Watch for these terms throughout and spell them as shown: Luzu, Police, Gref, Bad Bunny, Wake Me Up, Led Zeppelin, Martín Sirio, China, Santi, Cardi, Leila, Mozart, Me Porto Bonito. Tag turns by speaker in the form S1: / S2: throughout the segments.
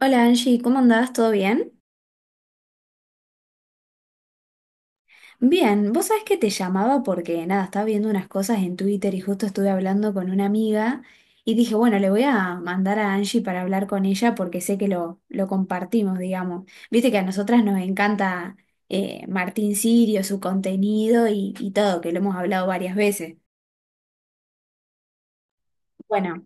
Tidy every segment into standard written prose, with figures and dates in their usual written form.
S1: Hola Angie, ¿cómo andás? ¿Todo bien? Bien, vos sabés que te llamaba porque nada, estaba viendo unas cosas en Twitter y justo estuve hablando con una amiga y dije, bueno, le voy a mandar a Angie para hablar con ella porque sé que lo compartimos, digamos. Viste que a nosotras nos encanta Martín Sirio, su contenido y todo, que lo hemos hablado varias veces. Bueno,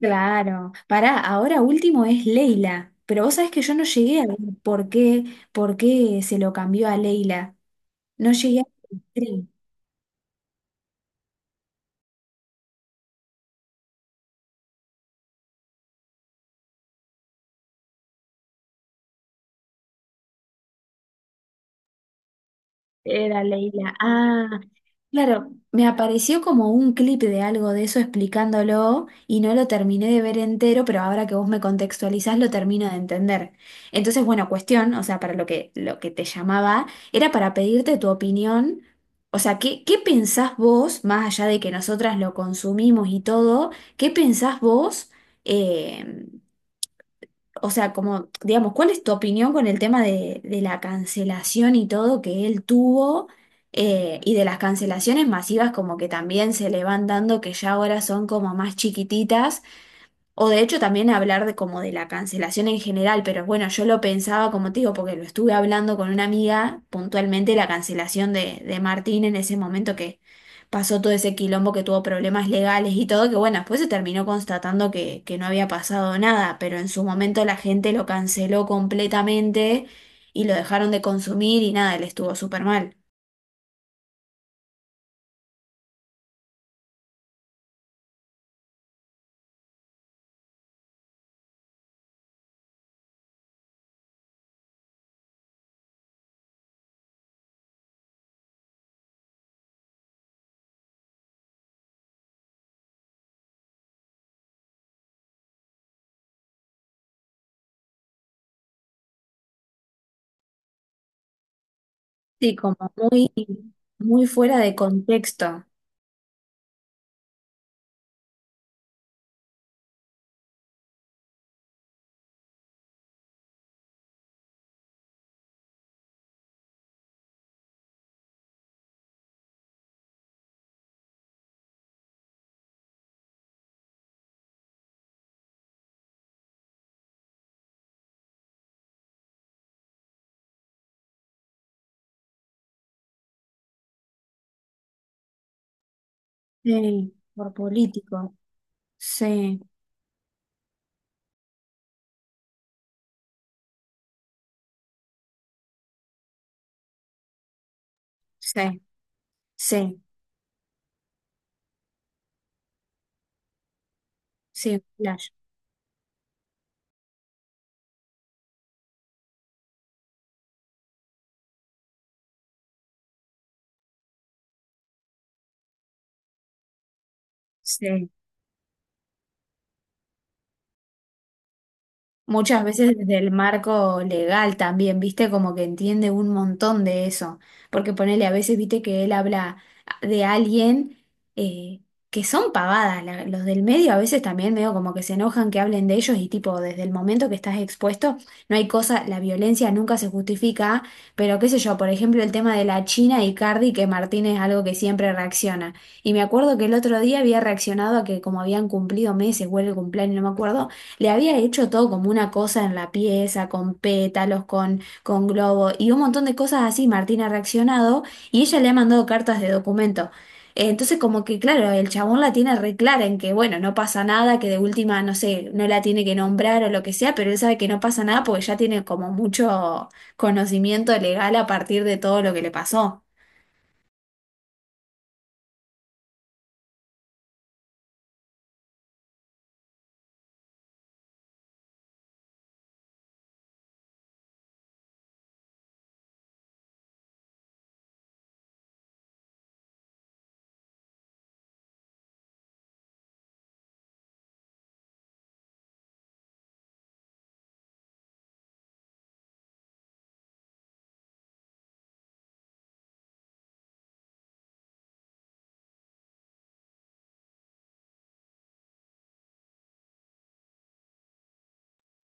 S1: claro. Pará, ahora último es Leila, pero vos sabés que yo no llegué a ver por qué se lo cambió a Leila. No llegué a... Era Leila. Ah, claro, me apareció como un clip de algo de eso explicándolo y no lo terminé de ver entero, pero ahora que vos me contextualizás lo termino de entender. Entonces, bueno, cuestión, o sea, para lo que te llamaba, era para pedirte tu opinión. O sea, ¿qué, qué pensás vos, más allá de que nosotras lo consumimos y todo, qué pensás vos? eh, o sea, como, digamos, ¿cuál es tu opinión con el tema de la cancelación y todo que él tuvo y de las cancelaciones masivas como que también se le van dando que ya ahora son como más chiquititas? O de hecho también hablar de como de la cancelación en general, pero bueno, yo lo pensaba como te digo, porque lo estuve hablando con una amiga puntualmente la cancelación de Martín en ese momento que pasó todo ese quilombo que tuvo problemas legales y todo, que bueno, después se terminó constatando que no había pasado nada, pero en su momento la gente lo canceló completamente y lo dejaron de consumir y nada, él estuvo súper mal. Sí, como muy, muy fuera de contexto. Sí, por político. Sí, sí. Sí, sí, un flash. Sí, muchas veces desde el marco legal también, viste, como que entiende un montón de eso, porque ponele a veces, viste, que él habla de alguien eh, que son pavadas, los del medio a veces también medio como que se enojan que hablen de ellos y tipo, desde el momento que estás expuesto, no hay cosa, la violencia nunca se justifica, pero qué sé yo, por ejemplo, el tema de la China y Cardi, que Martín es algo que siempre reacciona. Y me acuerdo que el otro día había reaccionado a que como habían cumplido meses o el cumpleaños, no me acuerdo. Le había hecho todo como una cosa en la pieza, con pétalos, con globo y un montón de cosas así. Martín ha reaccionado y ella le ha mandado cartas de documento. Entonces, como que claro, el chabón la tiene re clara en que, bueno, no pasa nada, que de última, no sé, no la tiene que nombrar o lo que sea, pero él sabe que no pasa nada porque ya tiene como mucho conocimiento legal a partir de todo lo que le pasó.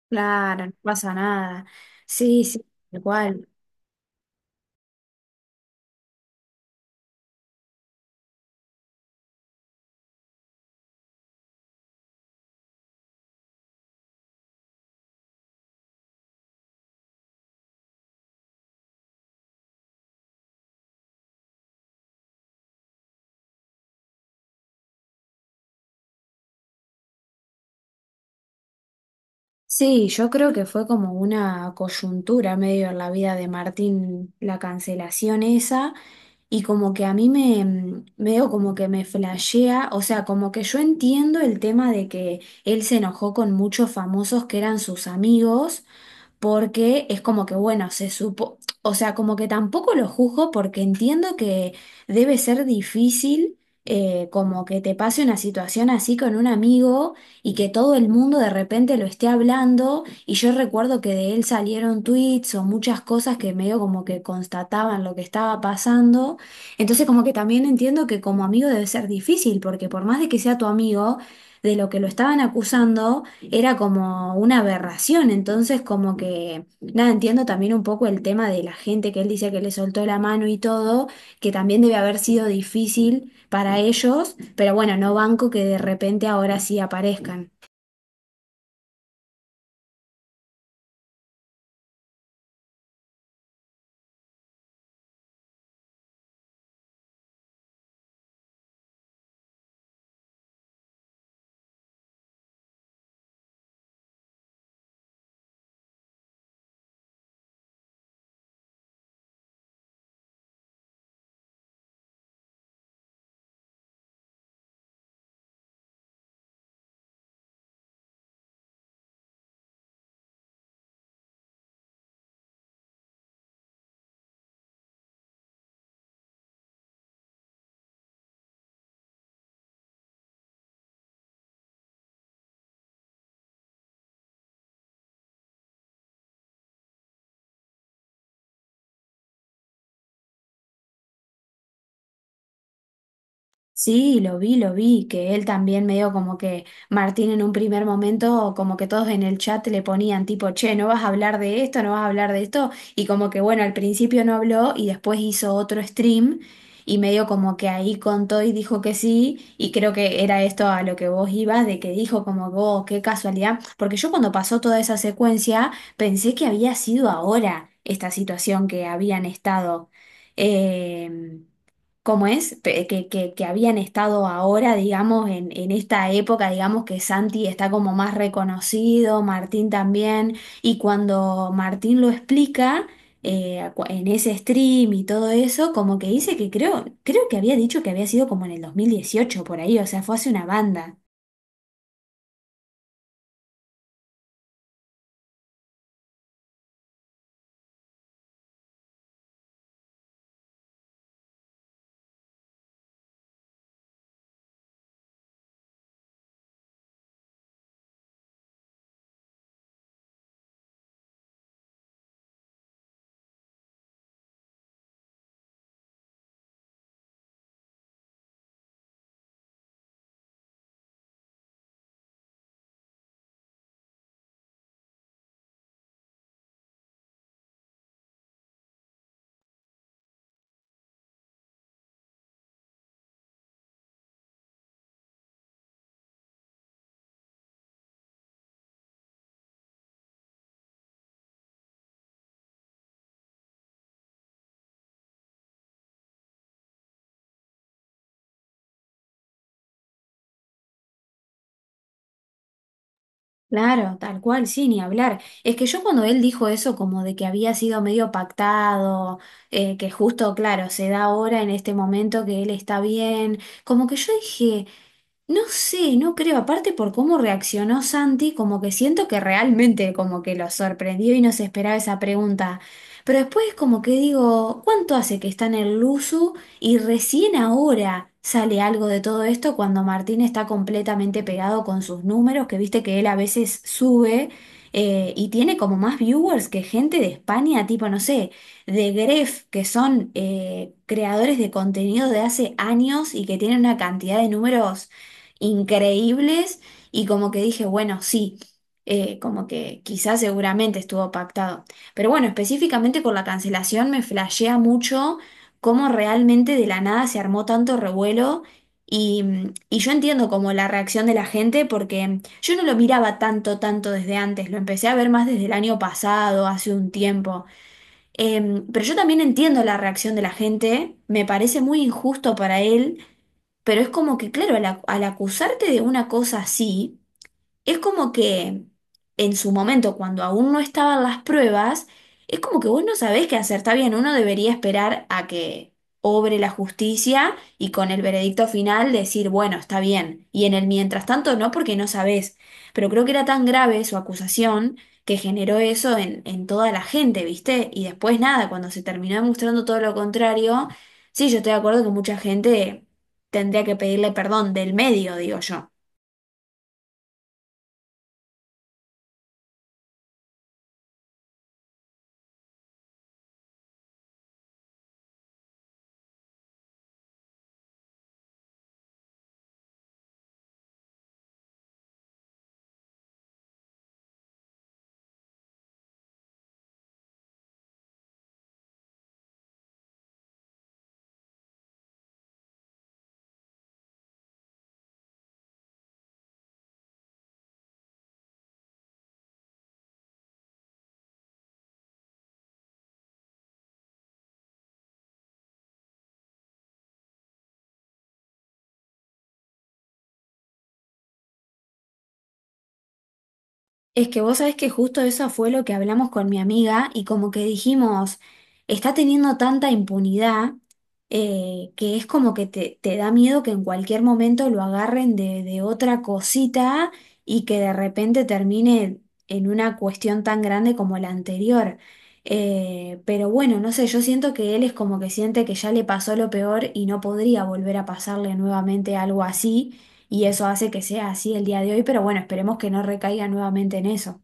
S1: Claro, no pasa nada. Sí, sí, igual. Sí, yo creo que fue como una coyuntura medio en la vida de Martín, la cancelación esa, y como que a mí me, medio como que me flashea, o sea, como que yo entiendo el tema de que él se enojó con muchos famosos que eran sus amigos, porque es como que, bueno, se supo, o sea, como que tampoco lo juzgo porque entiendo que debe ser difícil como que te pase una situación así con un amigo y que todo el mundo de repente lo esté hablando y yo recuerdo que de él salieron tweets o muchas cosas que medio como que constataban lo que estaba pasando, entonces como que también entiendo que como amigo debe ser difícil porque por más de que sea tu amigo, de lo que lo estaban acusando, era como una aberración, entonces como que, nada, entiendo también un poco el tema de la gente que él dice que le soltó la mano y todo, que también debe haber sido difícil para ellos, pero bueno, no banco que de repente ahora sí aparezcan. Sí, lo vi, que él también medio como que Martín en un primer momento, como que todos en el chat le ponían tipo, che, no vas a hablar de esto, no vas a hablar de esto, y como que bueno, al principio no habló y después hizo otro stream y medio como que ahí contó y dijo que sí, y creo que era esto a lo que vos ibas, de que dijo como vos, qué casualidad, porque yo cuando pasó toda esa secuencia pensé que había sido ahora esta situación que habían estado. em, Cómo es, que habían estado ahora, digamos, en esta época, digamos que Santi está como más reconocido, Martín también, y cuando Martín lo explica en ese stream y todo eso, como que dice que creo que había dicho que había sido como en el 2018 por ahí, o sea, fue hace una banda. Claro, tal cual, sí, ni hablar. Es que yo cuando él dijo eso, como de que había sido medio pactado, que justo, claro, se da ahora en este momento que él está bien, como que yo dije, no sé, no creo, aparte por cómo reaccionó Santi, como que siento que realmente como que lo sorprendió y no se esperaba esa pregunta. Pero después como que digo, ¿cuánto hace que está en el Luzu y recién ahora sale algo de todo esto cuando Martín está completamente pegado con sus números, que viste que él a veces sube y tiene como más viewers que gente de España, tipo, no sé de Gref, que son creadores de contenido de hace años y que tienen una cantidad de números increíbles y como que dije, bueno, sí, como que quizás seguramente estuvo pactado. Pero bueno, específicamente con la cancelación me flashea mucho cómo realmente de la nada se armó tanto revuelo y, y yo entiendo como la reacción de la gente porque yo no lo miraba tanto, tanto desde antes, lo empecé a ver más desde el año pasado, hace un tiempo. Pero yo también entiendo la reacción de la gente, me parece muy injusto para él pero es como que, claro, al, al acusarte de una cosa así, es como que en su momento, cuando aún no estaban las pruebas, es como que vos no sabés qué hacer. Está bien, uno debería esperar a que obre la justicia y con el veredicto final decir, bueno, está bien. Y en el mientras tanto no, porque no sabés. Pero creo que era tan grave su acusación que generó eso en toda la gente, ¿viste? Y después nada, cuando se terminó demostrando todo lo contrario, sí, yo estoy de acuerdo que mucha gente tendría que pedirle perdón del medio, digo yo. Es que vos sabés que justo eso fue lo que hablamos con mi amiga y como que dijimos, está teniendo tanta impunidad que es como que te da miedo que en cualquier momento lo agarren de otra cosita y que de repente termine en una cuestión tan grande como la anterior. Pero bueno, no sé, yo siento que él es como que siente que ya le pasó lo peor y no podría volver a pasarle nuevamente algo así y eso hace que sea así el día de hoy, pero bueno, esperemos que no recaiga nuevamente en eso.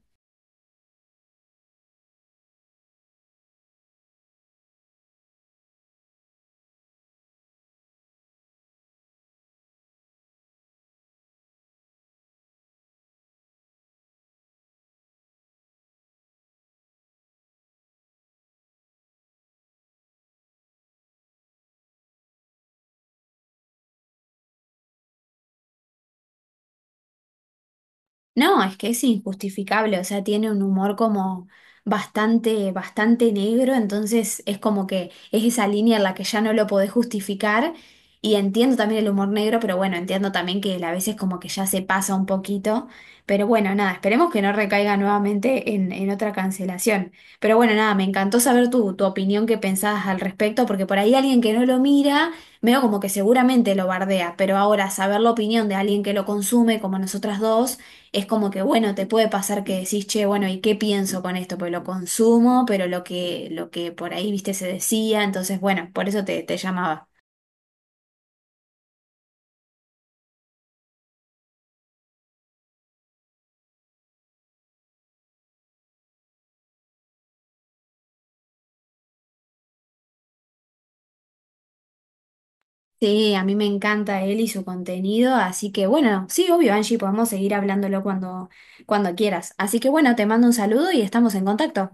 S1: No, es que es injustificable, o sea, tiene un humor como bastante, bastante negro, entonces es como que es esa línea en la que ya no lo podés justificar y entiendo también el humor negro, pero bueno, entiendo también que a veces como que ya se pasa un poquito, pero bueno, nada, esperemos que no recaiga nuevamente en otra cancelación. Pero bueno, nada, me encantó saber tu opinión, qué pensabas al respecto, porque por ahí alguien que no lo mira... Veo como que seguramente lo bardea, pero ahora saber la opinión de alguien que lo consume, como nosotras dos, es como que, bueno, te puede pasar que decís, che, bueno, ¿y qué pienso con esto? Pues lo consumo, pero lo que por ahí, viste, se decía, entonces, bueno, por eso te llamaba. Sí, a mí me encanta él y su contenido, así que, bueno, sí, obvio, Angie, podemos seguir hablándolo cuando, cuando quieras. Así que, bueno, te mando un saludo y estamos en contacto.